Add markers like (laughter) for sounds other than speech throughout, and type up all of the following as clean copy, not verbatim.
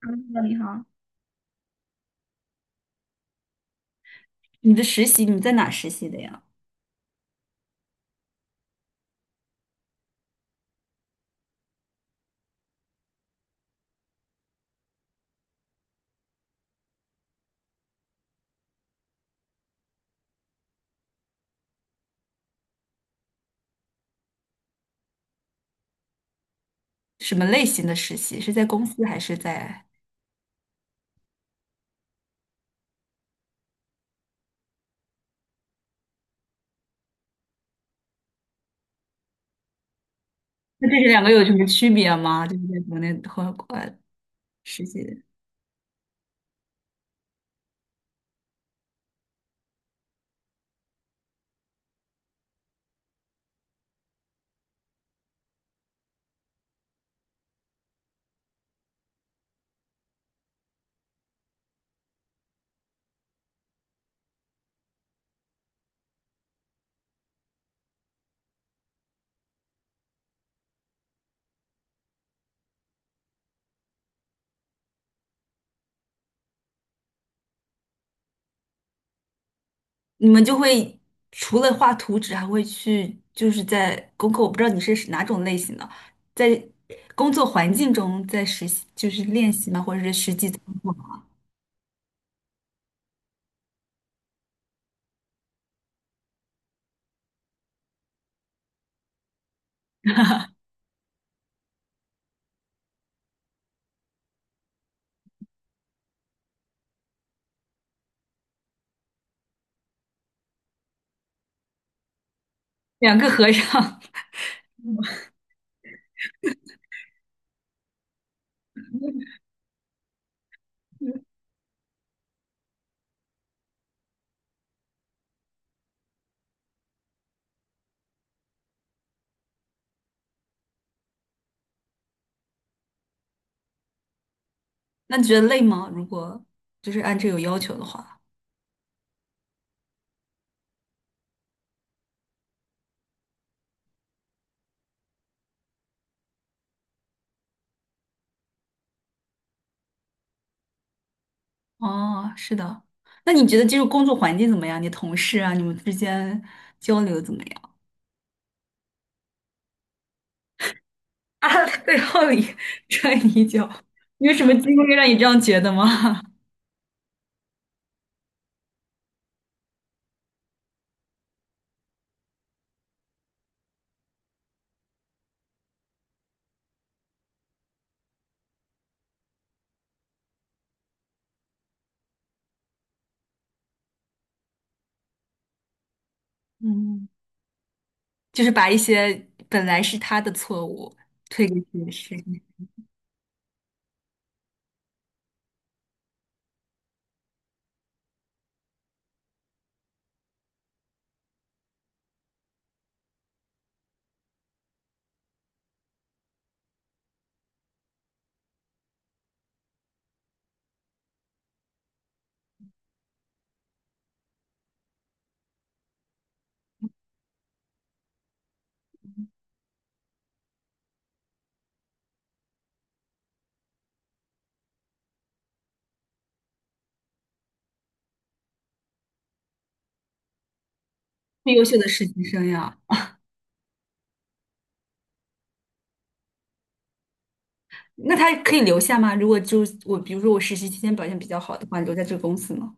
嗯，你好，你在哪实习的呀？什么类型的实习？是在公司还是在？那这是两个有什么区别吗？就是在国内和国外实习的，你们就会除了画图纸，还会去就是在功课，我不知道你是哪种类型的，在工作环境中在实习，就是练习吗？或者是实际操作吗？两个和尚，(laughs) 那你觉得累吗？如果就是按这有要求的话。哦，是的。那你觉得这个工作环境怎么样？你同事啊，你们之间交流怎么样？(laughs) 啊，背后里踹你一脚 (laughs)，你有什么经历让你这样觉得吗？(laughs) 嗯，就是把一些本来是他的错误推给你的实习，最优秀的实习生呀。那他可以留下吗？如果就是我，比如说我实习期间表现比较好的话，留在这个公司呢？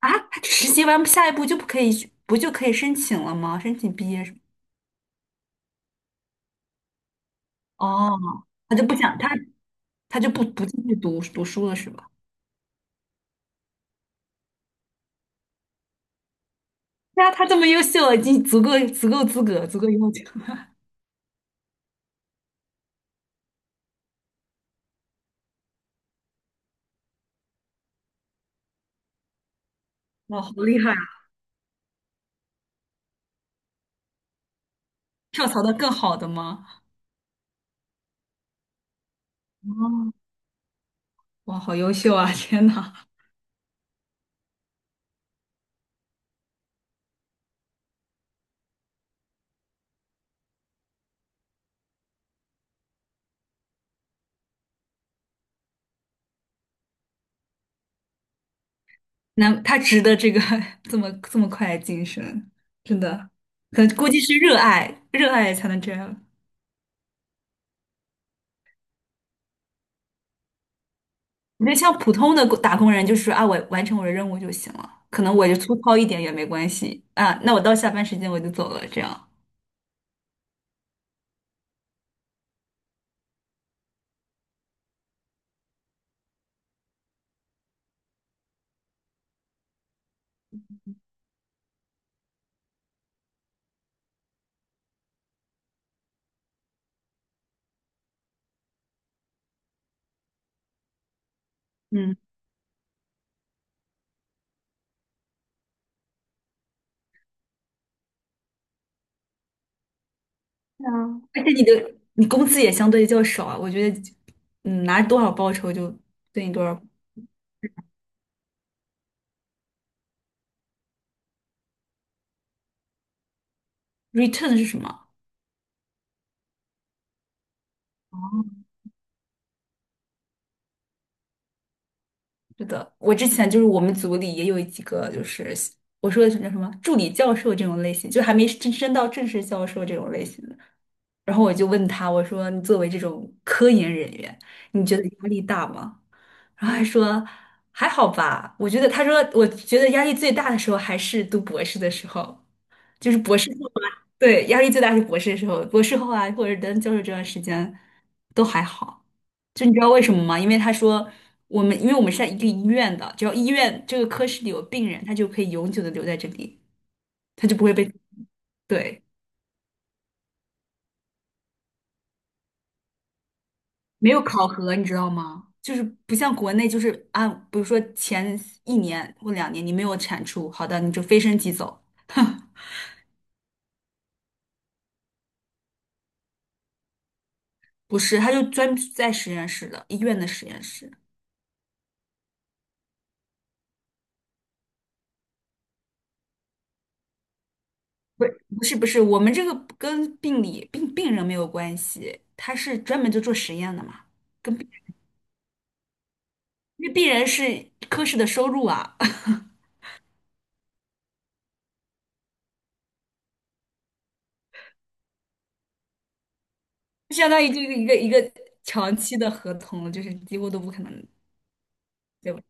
啊，他实习完下一步就不可以，不就可以申请了吗？申请毕业什么？哦，他就不想，他就不继续读书了，是吧？对啊，他这么优秀了已经足够资格，足够优秀了 (laughs) 哇，好厉害啊！跳槽到更好的吗？哦，哇，好优秀啊！天呐，那他值得这个 (laughs) 这么这么快的晋升，真的，可能估计是热爱，热爱才能这样。我觉得像普通的打工人，就是啊，我完成我的任务就行了，可能我就粗糙一点也没关系啊，那我到下班时间我就走了，这样。嗯。啊！而且你工资也相对较少啊，我觉得，嗯，拿多少报酬就对你多少。 return 是什么？是的，我之前就是我们组里也有几个，就是我说的是叫什么助理教授这种类型，就还没真升到正式教授这种类型的。然后我就问他，我说你作为这种科研人员，你觉得压力大吗？然后他说还好吧，我觉得他说我觉得压力最大的时候还是读博士的时候，就是博士。对，压力最大是博士的时候，博士后啊，或者等教授这段时间都还好。就你知道为什么吗？因为他说我们，因为我们是在一个医院的，只要医院这个科室里有病人，他就可以永久的留在这里，他就不会被，对，没有考核，你知道吗？就是不像国内，就是啊，比如说前一年或两年你没有产出，好的，你就飞升即走。(laughs) 不是，他就专在实验室的，医院的实验室。不是不是不是，我们这个跟病理病病人没有关系，他是专门就做实验的嘛，跟病因为病人是科室的收入啊，(laughs) 相当于就是一个一个长期的合同就是几乎都不可能。对吧，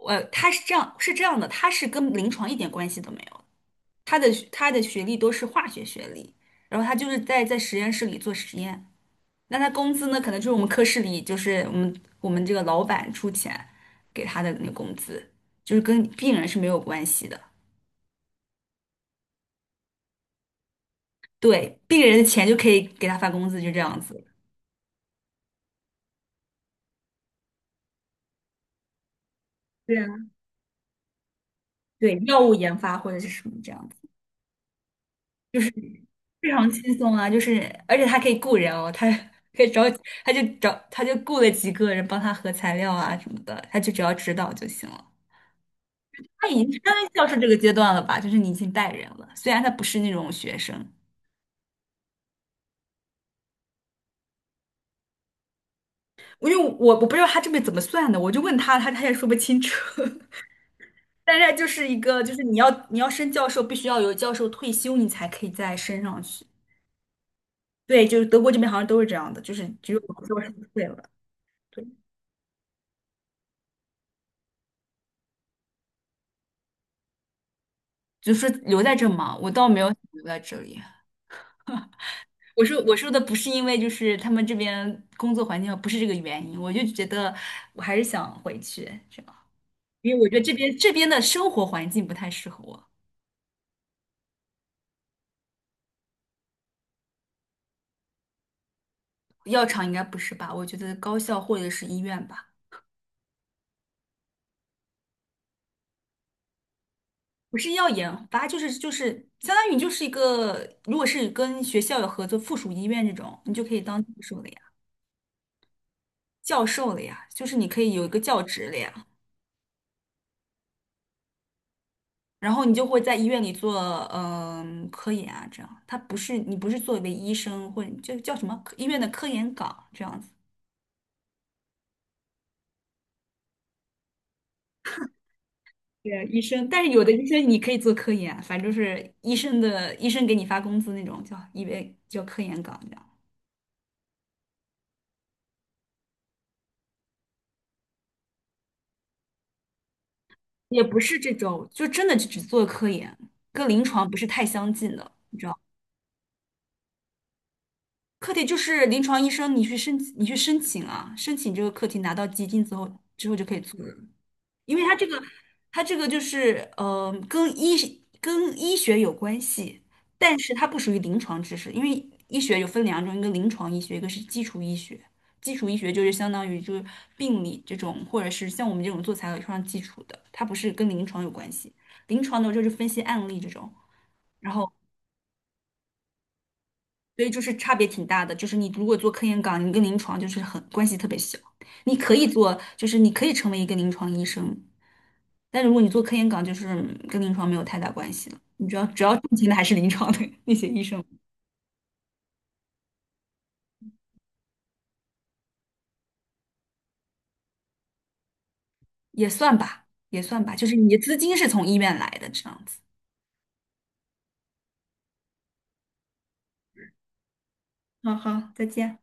我他是这样是这样的，他是跟临床一点关系都没有，他的他的学历都是化学学历，然后他就是在在实验室里做实验。那他工资呢，可能就是我们科室里，就是我们这个老板出钱给他的那个工资，就是跟病人是没有关系的。对，病人的钱就可以给他发工资，就这样子。对啊，对，药物研发或者是什么这样子，非常轻松啊。就是而且他可以雇人哦，他可以找，他就找，他就雇了几个人帮他核材料啊什么的，他就只要指导就行了。他已经是相当于教授这个阶段了吧，就是你已经带人了，虽然他不是那种学生。因为我不知道他这边怎么算的，我就问他，他他也说不清楚。(laughs) 但是就是一个，就是你要升教授，必须要有教授退休，你才可以再升上去。对，就是德国这边好像都是这样的，就是只有教授退了，对，就是留在这嘛。我倒没有想留在这里。我说的不是因为就是他们这边工作环境不是这个原因，我就觉得我还是想回去这样，因为我觉得这边的生活环境不太适合我。药厂应该不是吧？我觉得高校或者是医院吧。不是要研发，就是就是相当于你就是一个，如果是跟学校有合作，附属医院这种，你就可以当教授了呀，教授了呀，就是你可以有一个教职了呀，然后你就会在医院里做嗯、科研啊，这样，他不是你不是作为医生或者就叫什么科医院的科研岗这样子。对，医生，但是有的医生你可以做科研，反正就是医生的医生给你发工资那种，叫医为叫科研岗。也不是这种，就真的就只做科研，跟临床不是太相近的。课题就是临床医生，你去申请啊，申请这个课题拿到基金之后，之后就可以做。了。因为它这个，它这个就是跟医跟医学有关系，但是它不属于临床知识，因为医学有分两种，一个临床医学，一个是基础医学。基础医学就是相当于就是病理这种，或者是像我们这种做材料非常基础的，它不是跟临床有关系。临床的就是分析案例这种。然后所以就是差别挺大的，就是你如果做科研岗，你跟临床就是很关系特别小，你可以做，就是你可以成为一个临床医生，但如果你做科研岗，就是嗯跟临床没有太大关系了，你主要挣钱的还是临床的 (laughs) 那些医生，也算吧，也算吧，就是你的资金是从医院来的这样子。好好，再见。